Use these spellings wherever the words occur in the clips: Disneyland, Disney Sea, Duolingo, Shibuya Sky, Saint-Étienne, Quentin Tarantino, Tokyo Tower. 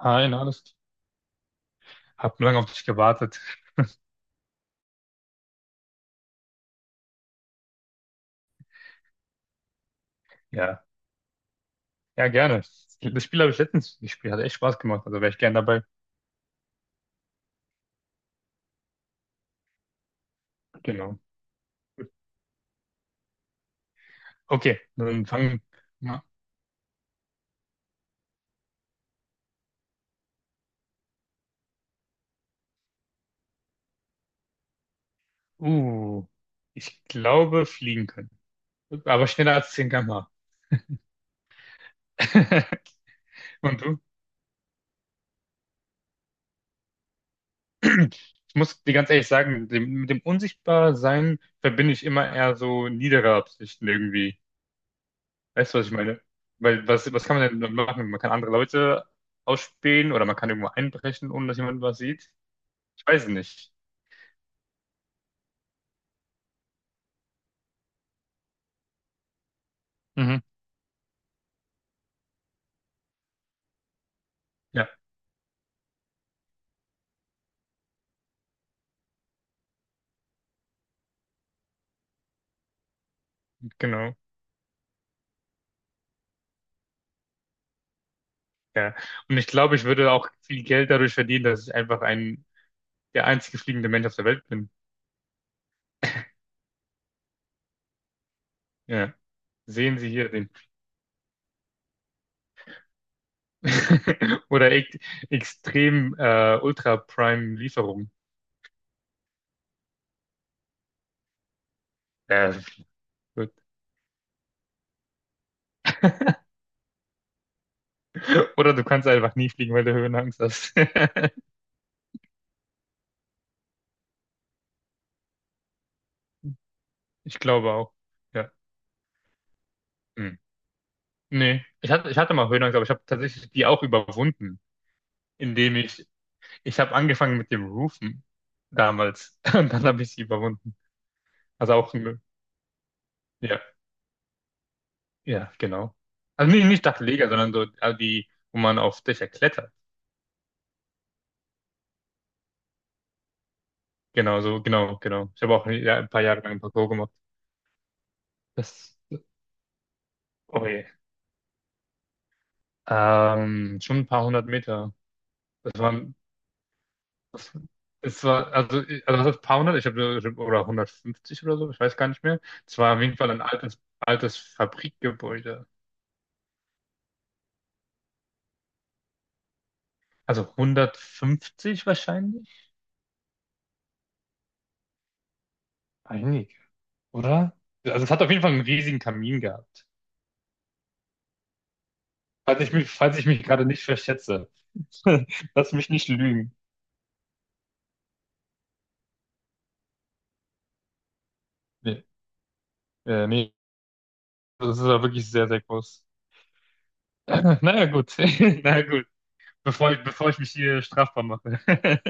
Hi, na, alles. Hab lange auf dich gewartet. Ja, ja, gerne. Das Spiel habe ich letztens gespielt, hat echt Spaß gemacht, also wäre ich gern dabei. Genau. Okay, dann fangen wir mal. Uh, Ich glaube, fliegen können. Aber schneller als 10 km/h. Und du? Ich muss dir ganz ehrlich sagen, mit dem Unsichtbarsein verbinde ich immer eher so niedere Absichten irgendwie. Weißt du, was ich meine? Weil was kann man denn machen? Man kann andere Leute ausspähen oder man kann irgendwo einbrechen, ohne dass jemand was sieht. Weiß nicht. Mhm. Ja, genau. Ja. Und ich glaube, ich würde auch viel Geld dadurch verdienen, dass der einzige fliegende Mensch auf der Welt bin. Ja. Sehen Sie hier den. Oder extrem Ultra Prime Lieferung. Ja, gut. Oder du kannst einfach nie fliegen, weil du Höhenangst hast. Ich glaube auch. Ja. Hm. Nee, ich hatte mal Höhenangst, aber ich habe tatsächlich die auch überwunden, indem ich, ich habe angefangen mit dem Rufen damals und dann habe ich sie überwunden. Also auch, ja, ja, genau. Also nicht Dachleger, sondern so also die, wo man auf Dächer klettert. Genau. Ich habe auch ja, ein paar Jahre lang ein Parkour gemacht. Das, oh je. Schon ein paar hundert Meter. Das waren, das, es war, also das paar hundert, oder hundertfünfzig oder so, ich weiß gar nicht mehr. Es war auf jeden Fall ein altes Fabrikgebäude. Also hundertfünfzig wahrscheinlich? Einige oder? Also es hat auf jeden Fall einen riesigen Kamin gehabt. Falls ich mich gerade nicht verschätze. Lass mich nicht lügen. Nee, nee, das ist ja wirklich sehr, sehr groß. Naja, gut. Naja, gut. Bevor ich mich hier strafbar mache.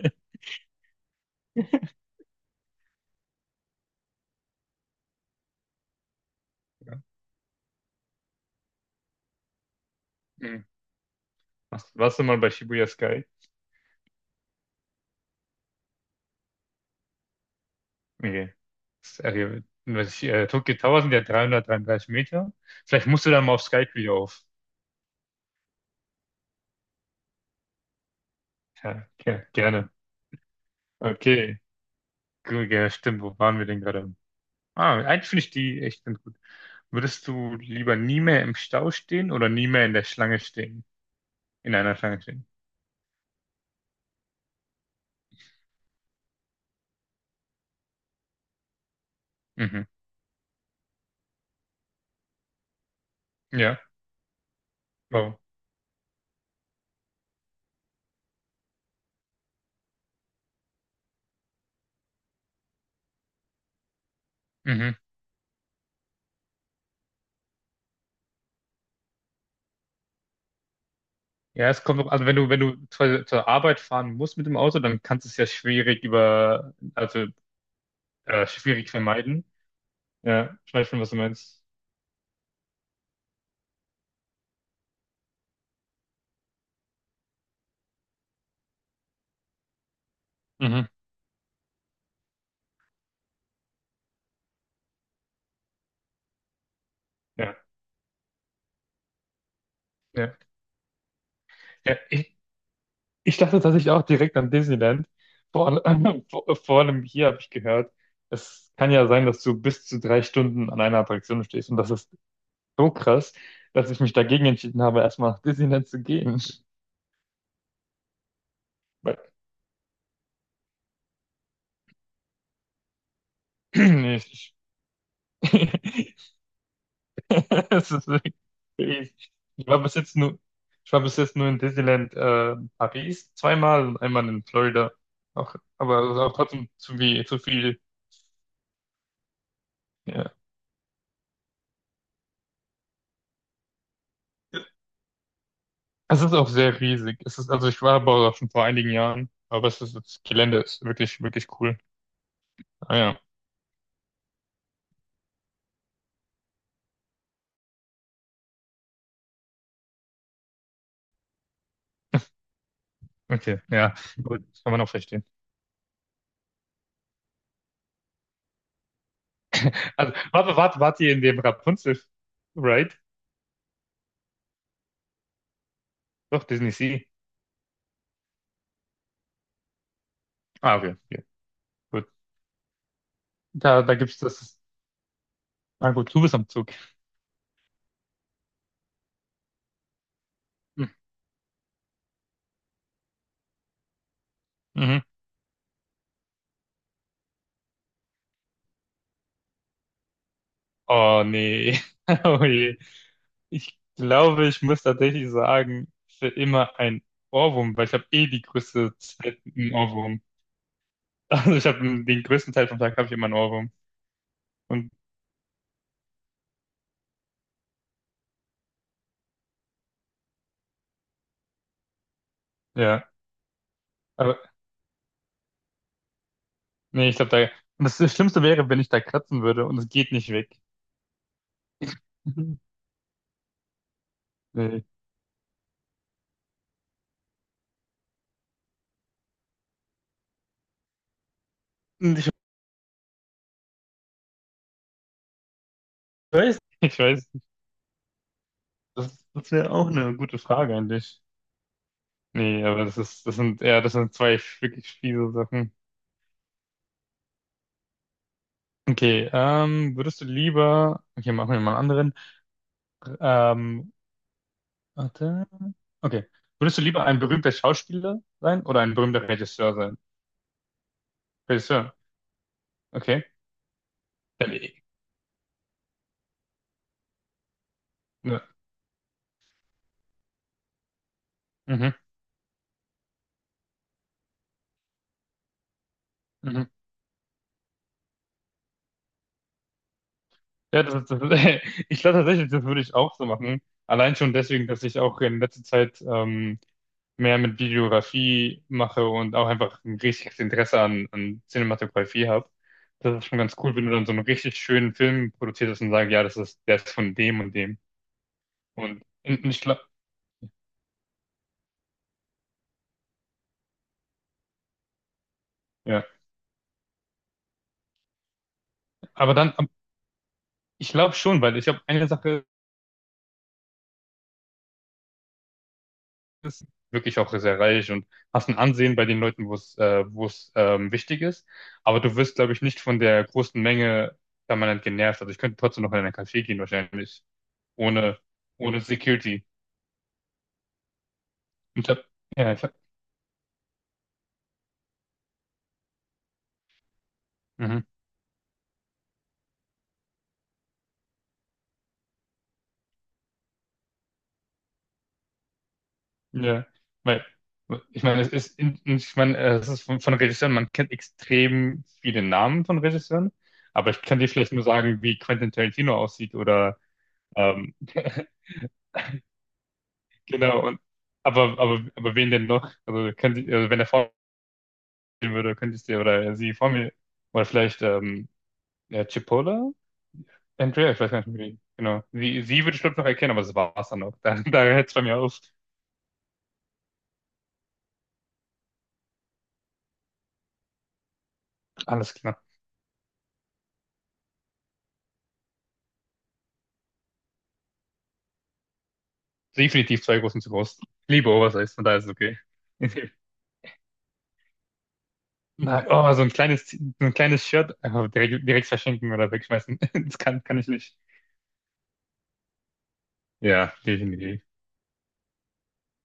Ja. Hm. Warst du mal bei Shibuya Sky? Nee. Sorry. Tokyo Tower sind ja 333 Meter. Vielleicht musst du dann mal auf Skype wieder auf. Ja, gerne. Okay. Gut, ja, stimmt. Wo waren wir denn gerade? Ah, eigentlich finde ich die echt ganz gut. Würdest du lieber nie mehr im Stau stehen oder nie mehr in der Schlange stehen? In einer Schlange stehen. Mhm. Ja. Wow. Mhm. Ja, es kommt auch, also wenn du zur Arbeit fahren musst mit dem Auto, dann kannst du es ja schwierig über, also schwierig vermeiden. Ja, ich weiß schon, was du meinst. Mhm. Ja, ja. Ja, ich, Ich dachte tatsächlich auch direkt an Disneyland. Vor, allem- vor, vor allem hier habe ich gehört, es kann ja sein, dass du bis zu drei Stunden an einer Attraktion stehst und das ist so krass, dass ich mich dagegen entschieden habe, erstmal nach Disneyland zu gehen. Weil, nee, ich, es ist wirklich crazy. ich war bis jetzt nur, Ich war bis jetzt nur in Disneyland Paris zweimal und einmal in Florida. Auch, aber es ist auch trotzdem zu viel. Ja. Es ist auch sehr riesig. Also ich war aber auch schon vor einigen Jahren, aber es ist, das Gelände ist wirklich, wirklich cool. Ah ja. Okay, ja, gut, das kann man auch verstehen. Also, warte, wart ihr in dem Rapunzel-Ride? Doch, Disney Sea. Ah, okay. Okay. Gut. Da gibt's das. Na gut, du bist am Zug. Hm. Mhm. Oh nee. Oh je. Ich glaube, ich muss tatsächlich sagen, für immer ein Ohrwurm, weil ich habe eh die größte Zeit einen Ohrwurm. Also ich habe, den größten Teil vom Tag habe ich immer einen Ohrwurm. Und ja, aber nee, ich glaube da. Und das Schlimmste wäre, wenn ich da kratzen würde und es geht nicht weg. Nee. Und ich weiß. Das wäre auch eine gute Frage eigentlich. Nee, aber das ist, das sind, ja, das sind zwei wirklich fiese Sachen. Okay, würdest du lieber, okay, machen wir mal einen anderen. Ähm, warte, okay. Würdest du lieber ein berühmter Schauspieler sein oder ein berühmter Regisseur sein? Regisseur, okay. Ja, nee. Ja, mhm, mhm. Ja, das ist, das ist, ich glaube tatsächlich, das würde ich auch so machen. Allein schon deswegen, dass ich auch in letzter Zeit, mehr mit Videografie mache und auch einfach ein richtiges Interesse an, an Cinematografie habe. Das ist schon ganz cool, wenn du dann so einen richtig schönen Film produziert hast und sagst, ja, das ist, der ist von dem und dem. Und, und ich glaube, ja. Aber dann, ich glaube schon, weil ich glaube, eine Sache ist wirklich auch sehr reich und hast ein Ansehen bei den Leuten, wo es wichtig ist. Aber du wirst, glaube ich, nicht von der großen Menge permanent genervt. Also ich könnte trotzdem noch in einen Café gehen, wahrscheinlich, ohne, ohne Security. Ich hab, ja, ich hab, mhm. Ja, weil ich meine, es ist, in- ich meine, es ist von Regisseuren, man kennt extrem viele Namen von Regisseuren, aber ich kann dir vielleicht nur sagen, wie Quentin Tarantino aussieht oder ähm, genau und aber wen denn noch? Also, also wenn er vor mir stehen würde, könntest du oder sie vor mir oder vielleicht ja, Chipola, Andrea, ich weiß gar nicht wie. Genau, sie würde ich glaube noch erkennen, aber das war es dann auch. Da, da hört es bei mir auf. Alles klar. Definitiv zwei großen zu groß. Ich Liebe Oversize, von daher ist es okay. Na, oh, so ein kleines Shirt einfach direkt, direkt verschenken oder wegschmeißen. Das kann, kann ich nicht. Ja, definitiv.